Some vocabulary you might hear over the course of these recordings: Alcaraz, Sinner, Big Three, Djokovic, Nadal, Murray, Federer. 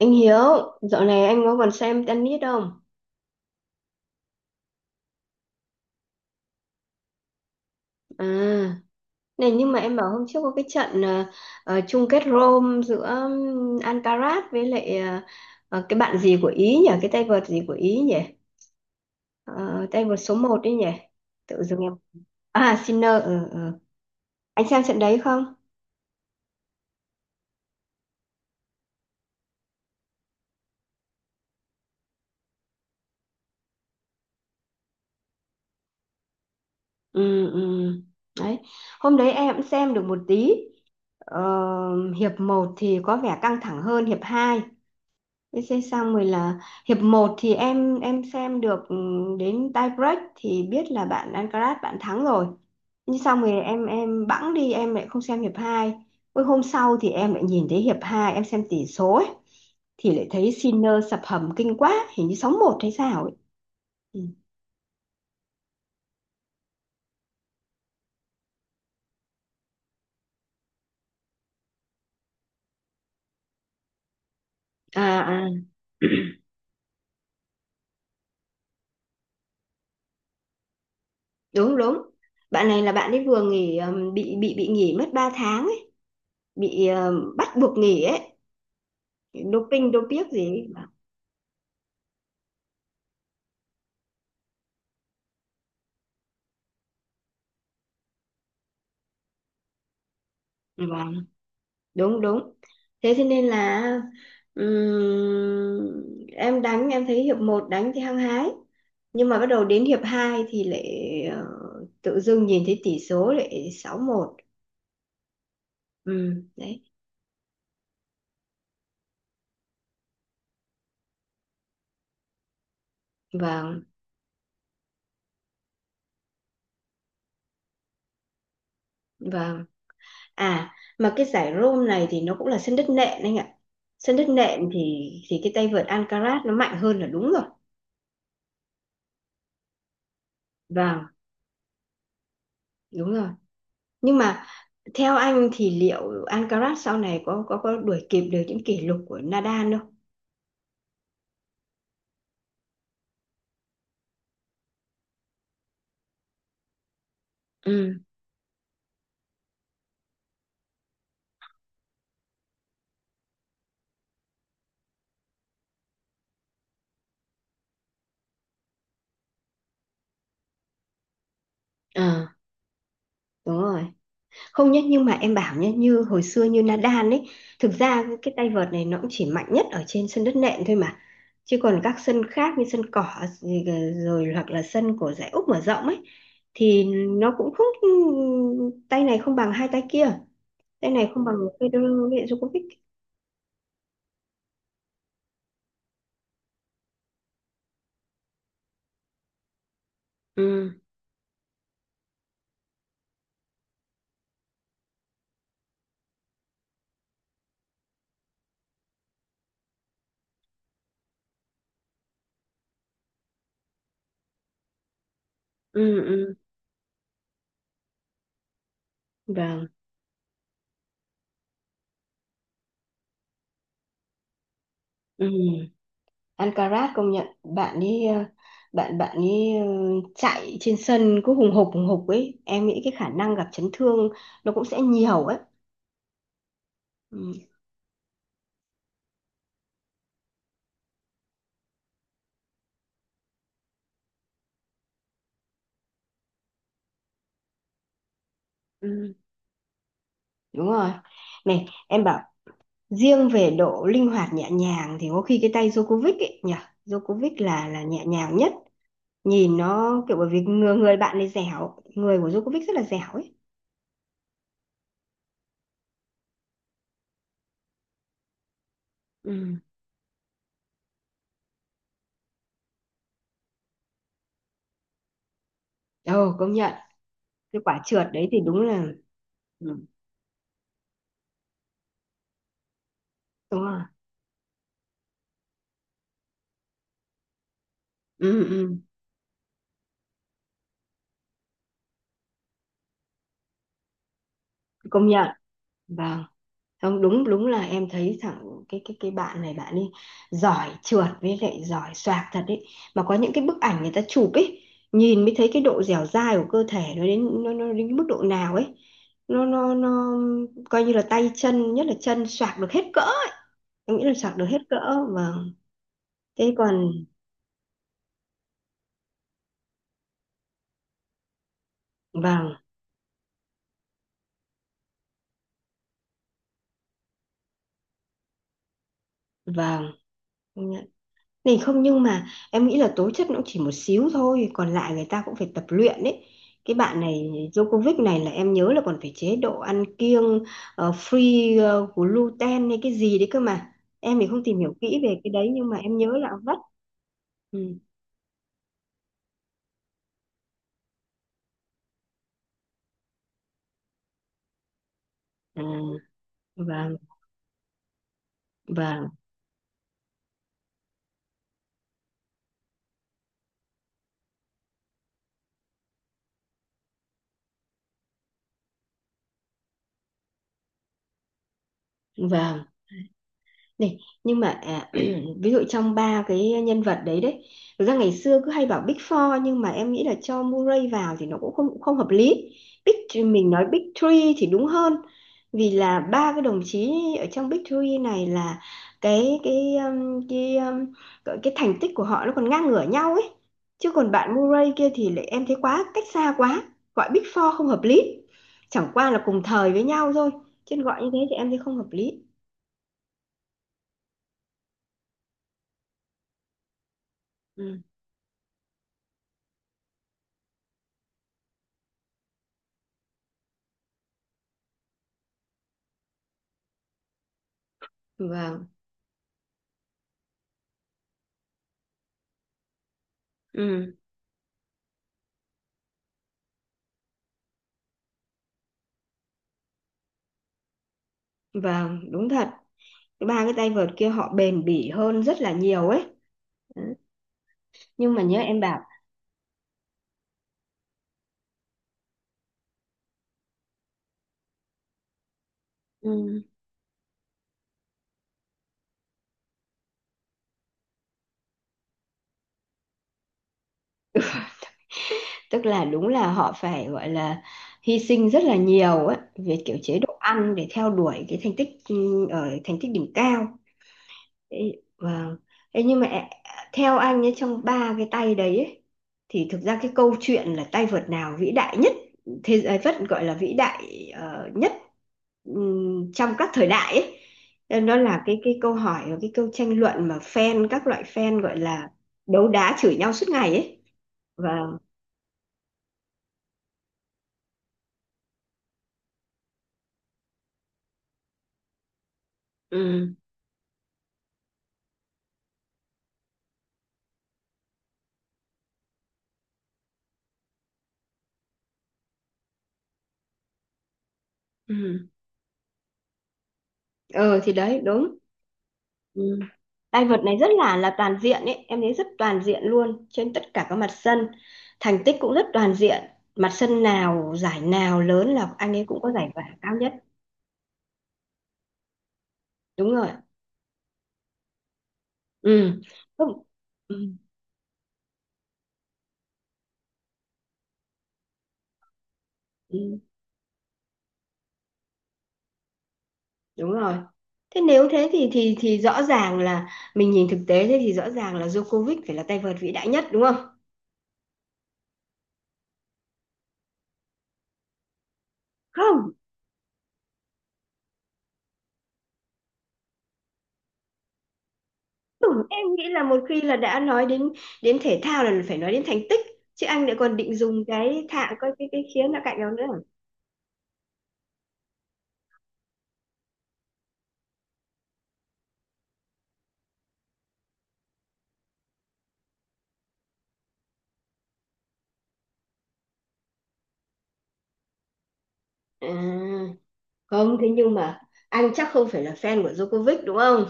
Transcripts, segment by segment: Anh Hiếu, dạo này anh có còn xem tennis không? À, này nhưng mà em bảo hôm trước có cái trận chung kết Rome giữa Alcaraz với lại cái bạn gì của Ý nhỉ? Cái tay vợt gì của Ý nhỉ? Ờ, tay vợt số một đấy nhỉ? Tự dưng em... À, Sinner, ừ, ừ. Anh xem trận đấy không? Ừ, ừ. Đấy. Hôm đấy em cũng xem được một tí. Ờ, hiệp một thì có vẻ căng thẳng hơn hiệp 2. VC xong rồi là hiệp một thì em xem được đến tie break thì biết là bạn Alcaraz bạn thắng rồi. Nhưng xong rồi em bẵng đi em lại không xem hiệp hai. Ôi hôm sau thì em lại nhìn thấy hiệp 2 em xem tỷ số ấy thì lại thấy Sinner sập hầm kinh quá, hình như 6 một hay sao ấy. Ừ. À à. Đúng đúng. Bạn này là bạn ấy vừa nghỉ bị nghỉ mất 3 tháng ấy, bị bắt buộc nghỉ ấy, doping dopiếc gì ấy. Đúng đúng. Thế thế nên là em đánh em thấy hiệp một đánh thì hăng hái nhưng mà bắt đầu đến hiệp 2 thì lại ờ, tự dưng nhìn thấy tỷ số lại sáu một. Ừ, đấy. Vâng vâng. À, mà cái giải Rome này thì nó cũng là sân đất nện anh ạ. Sân đất nện thì cái tay vợt Alcaraz nó mạnh hơn là đúng rồi. Vâng, đúng rồi nhưng mà theo anh thì liệu Alcaraz sau này có đuổi kịp được những kỷ lục của Nadal không? Ừ, ờ, đúng rồi. Không nhất nhưng mà em bảo nhé, như hồi xưa như Nadal ấy, thực ra cái tay vợt này nó cũng chỉ mạnh nhất ở trên sân đất nện thôi mà. Chứ còn các sân khác như sân cỏ gì rồi hoặc là sân của giải Úc mở rộng ấy thì nó cũng không tay này không bằng hai tay kia, tay này không bằng Federer với lại Djokovic. Ừ, ừ, ừ, vâng. Ừ. Alcaraz công nhận bạn ấy bạn bạn ấy chạy trên sân cứ hùng hục ấy em nghĩ cái khả năng gặp chấn thương nó cũng sẽ nhiều ấy. Ừ, ừ. Đúng rồi, này em bảo, riêng về độ linh hoạt nhẹ nhàng thì có khi cái tay Djokovic ấy nhỉ. Djokovic là nhẹ nhàng nhất, nhìn nó kiểu bởi vì người bạn này dẻo, người của Djokovic rất là dẻo ấy. Ừ. Ồ, công nhận cái quả trượt đấy thì đúng là. Ừ. Đúng rồi, ừ, ừ, công nhận. Vâng, không đúng đúng là em thấy thằng cái bạn này bạn ấy giỏi trượt với lại giỏi xoạc thật đấy. Mà có những cái bức ảnh người ta chụp ấy nhìn mới thấy cái độ dẻo dai của cơ thể nó đến nó đến cái mức độ nào ấy. Nó coi như là tay chân nhất là chân xoạc được hết cỡ, em nghĩ là xoạc được hết cỡ. Vâng, thế còn. Vâng vâng. Này không nhưng mà em nghĩ là tố chất nó cũng chỉ một xíu thôi. Còn lại người ta cũng phải tập luyện đấy. Cái bạn này Djokovic này là em nhớ là còn phải chế độ ăn kiêng, Free gluten hay cái gì đấy cơ mà. Em thì không tìm hiểu kỹ về cái đấy. Nhưng mà em nhớ là vắt. Ừ. À, vâng vâng vâng. Này, nhưng mà ví dụ trong ba cái nhân vật đấy đấy, thực ra ngày xưa cứ hay bảo Big Four nhưng mà em nghĩ là cho Murray vào thì nó cũng không không hợp lý. Big mình nói Big Three thì đúng hơn. Vì là ba cái đồng chí ở trong Big Three này là cái cái thành tích của họ nó còn ngang ngửa nhau ấy. Chứ còn bạn Murray kia thì lại em thấy quá cách xa quá, gọi Big Four không hợp lý. Chẳng qua là cùng thời với nhau thôi, chứ gọi như thế thì em thấy không hợp lý. Ừ. Vâng. Ừ, vâng, đúng thật. Cái ba cái tay vợt kia họ bền bỉ hơn rất là nhiều ấy. Ừ, nhưng mà nhớ em bảo, ừ, tức là đúng là họ phải gọi là hy sinh rất là nhiều ấy về kiểu chế độ ăn để theo đuổi cái thành tích ừ, ở thành tích đỉnh cao. Ê, vâng. Ê, nhưng mà theo anh ấy trong ba cái tay đấy ấy, thì thực ra cái câu chuyện là tay vợt nào vĩ đại nhất thế giới vẫn gọi là vĩ đại nhất trong các thời đại ấy. Nên nó là cái câu hỏi và cái câu tranh luận mà fan các loại fan gọi là đấu đá chửi nhau suốt ngày ấy. Vâng. Ừ. Ừ. Ờ thì đấy đúng. Ừ. Tay vợt này rất là toàn diện ấy, em thấy rất toàn diện luôn trên tất cả các mặt sân. Thành tích cũng rất toàn diện. Mặt sân nào, giải nào lớn là anh ấy cũng có giải vàng cao nhất. Đúng rồi. Ừ. Không. Ừ. Ừ. Đúng rồi. Thế nếu thế thì rõ ràng là mình nhìn thực tế thế thì rõ ràng là Djokovic phải là tay vợt vĩ đại nhất đúng không? Không. Ừ, em nghĩ là một khi là đã nói đến đến thể thao là phải nói đến thành tích chứ anh lại còn định dùng cái thạng coi cái khía là cạnh đó nữa. À, không thế nhưng mà anh chắc không phải là fan của Djokovic đúng không?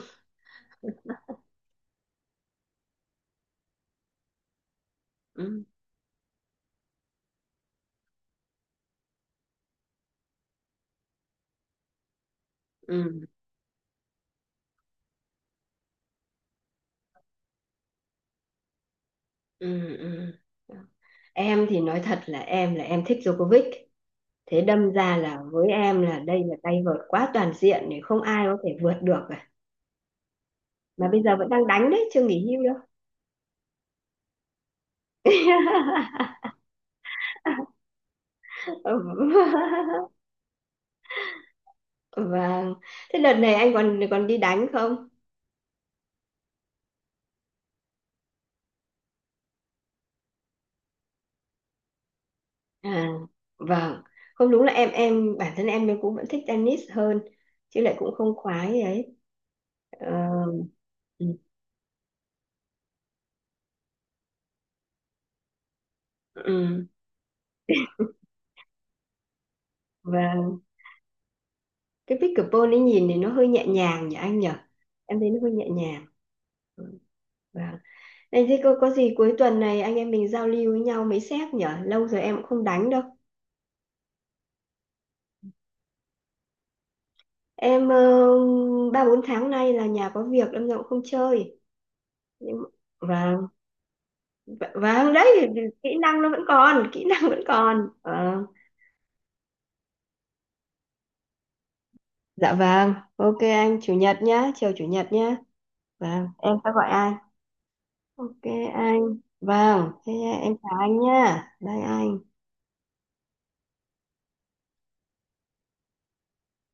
Ừ, ừ, ừ, ừ. Em thì nói thật là em thích Djokovic. Thế đâm ra là với em là đây là tay vợt quá toàn diện thì không ai có thể vượt được cả. Mà bây giờ vẫn đang đánh đấy, chưa nghỉ hưu đâu. Ừ. Vâng. Thế đợt này anh còn còn đi đánh không? À, vâng. Không đúng là em bản thân em cũng vẫn thích tennis hơn chứ lại cũng không khoái ấy. Ờ, ừ, ừ. Và cái pickleball ấy nhìn thì nó hơi nhẹ nhàng nhỉ anh nhỉ, em thấy nó hơi nhẹ nhàng. Ừ. Vâng. Này thế có gì cuối tuần này anh em mình giao lưu với nhau mấy xét nhỉ? Lâu rồi em cũng không đánh đâu. Em ba bốn tháng nay là nhà có việc đâm ra cũng không chơi. Nhưng mà- vâng, vâng đấy, kỹ năng nó vẫn còn, kỹ năng vẫn còn. Vâng. Dạ vâng, ok anh, chủ nhật nhá, chiều chủ nhật nhá. Vâng, em sẽ gọi anh. Ok anh, vâng thế em chào anh nhá đây anh.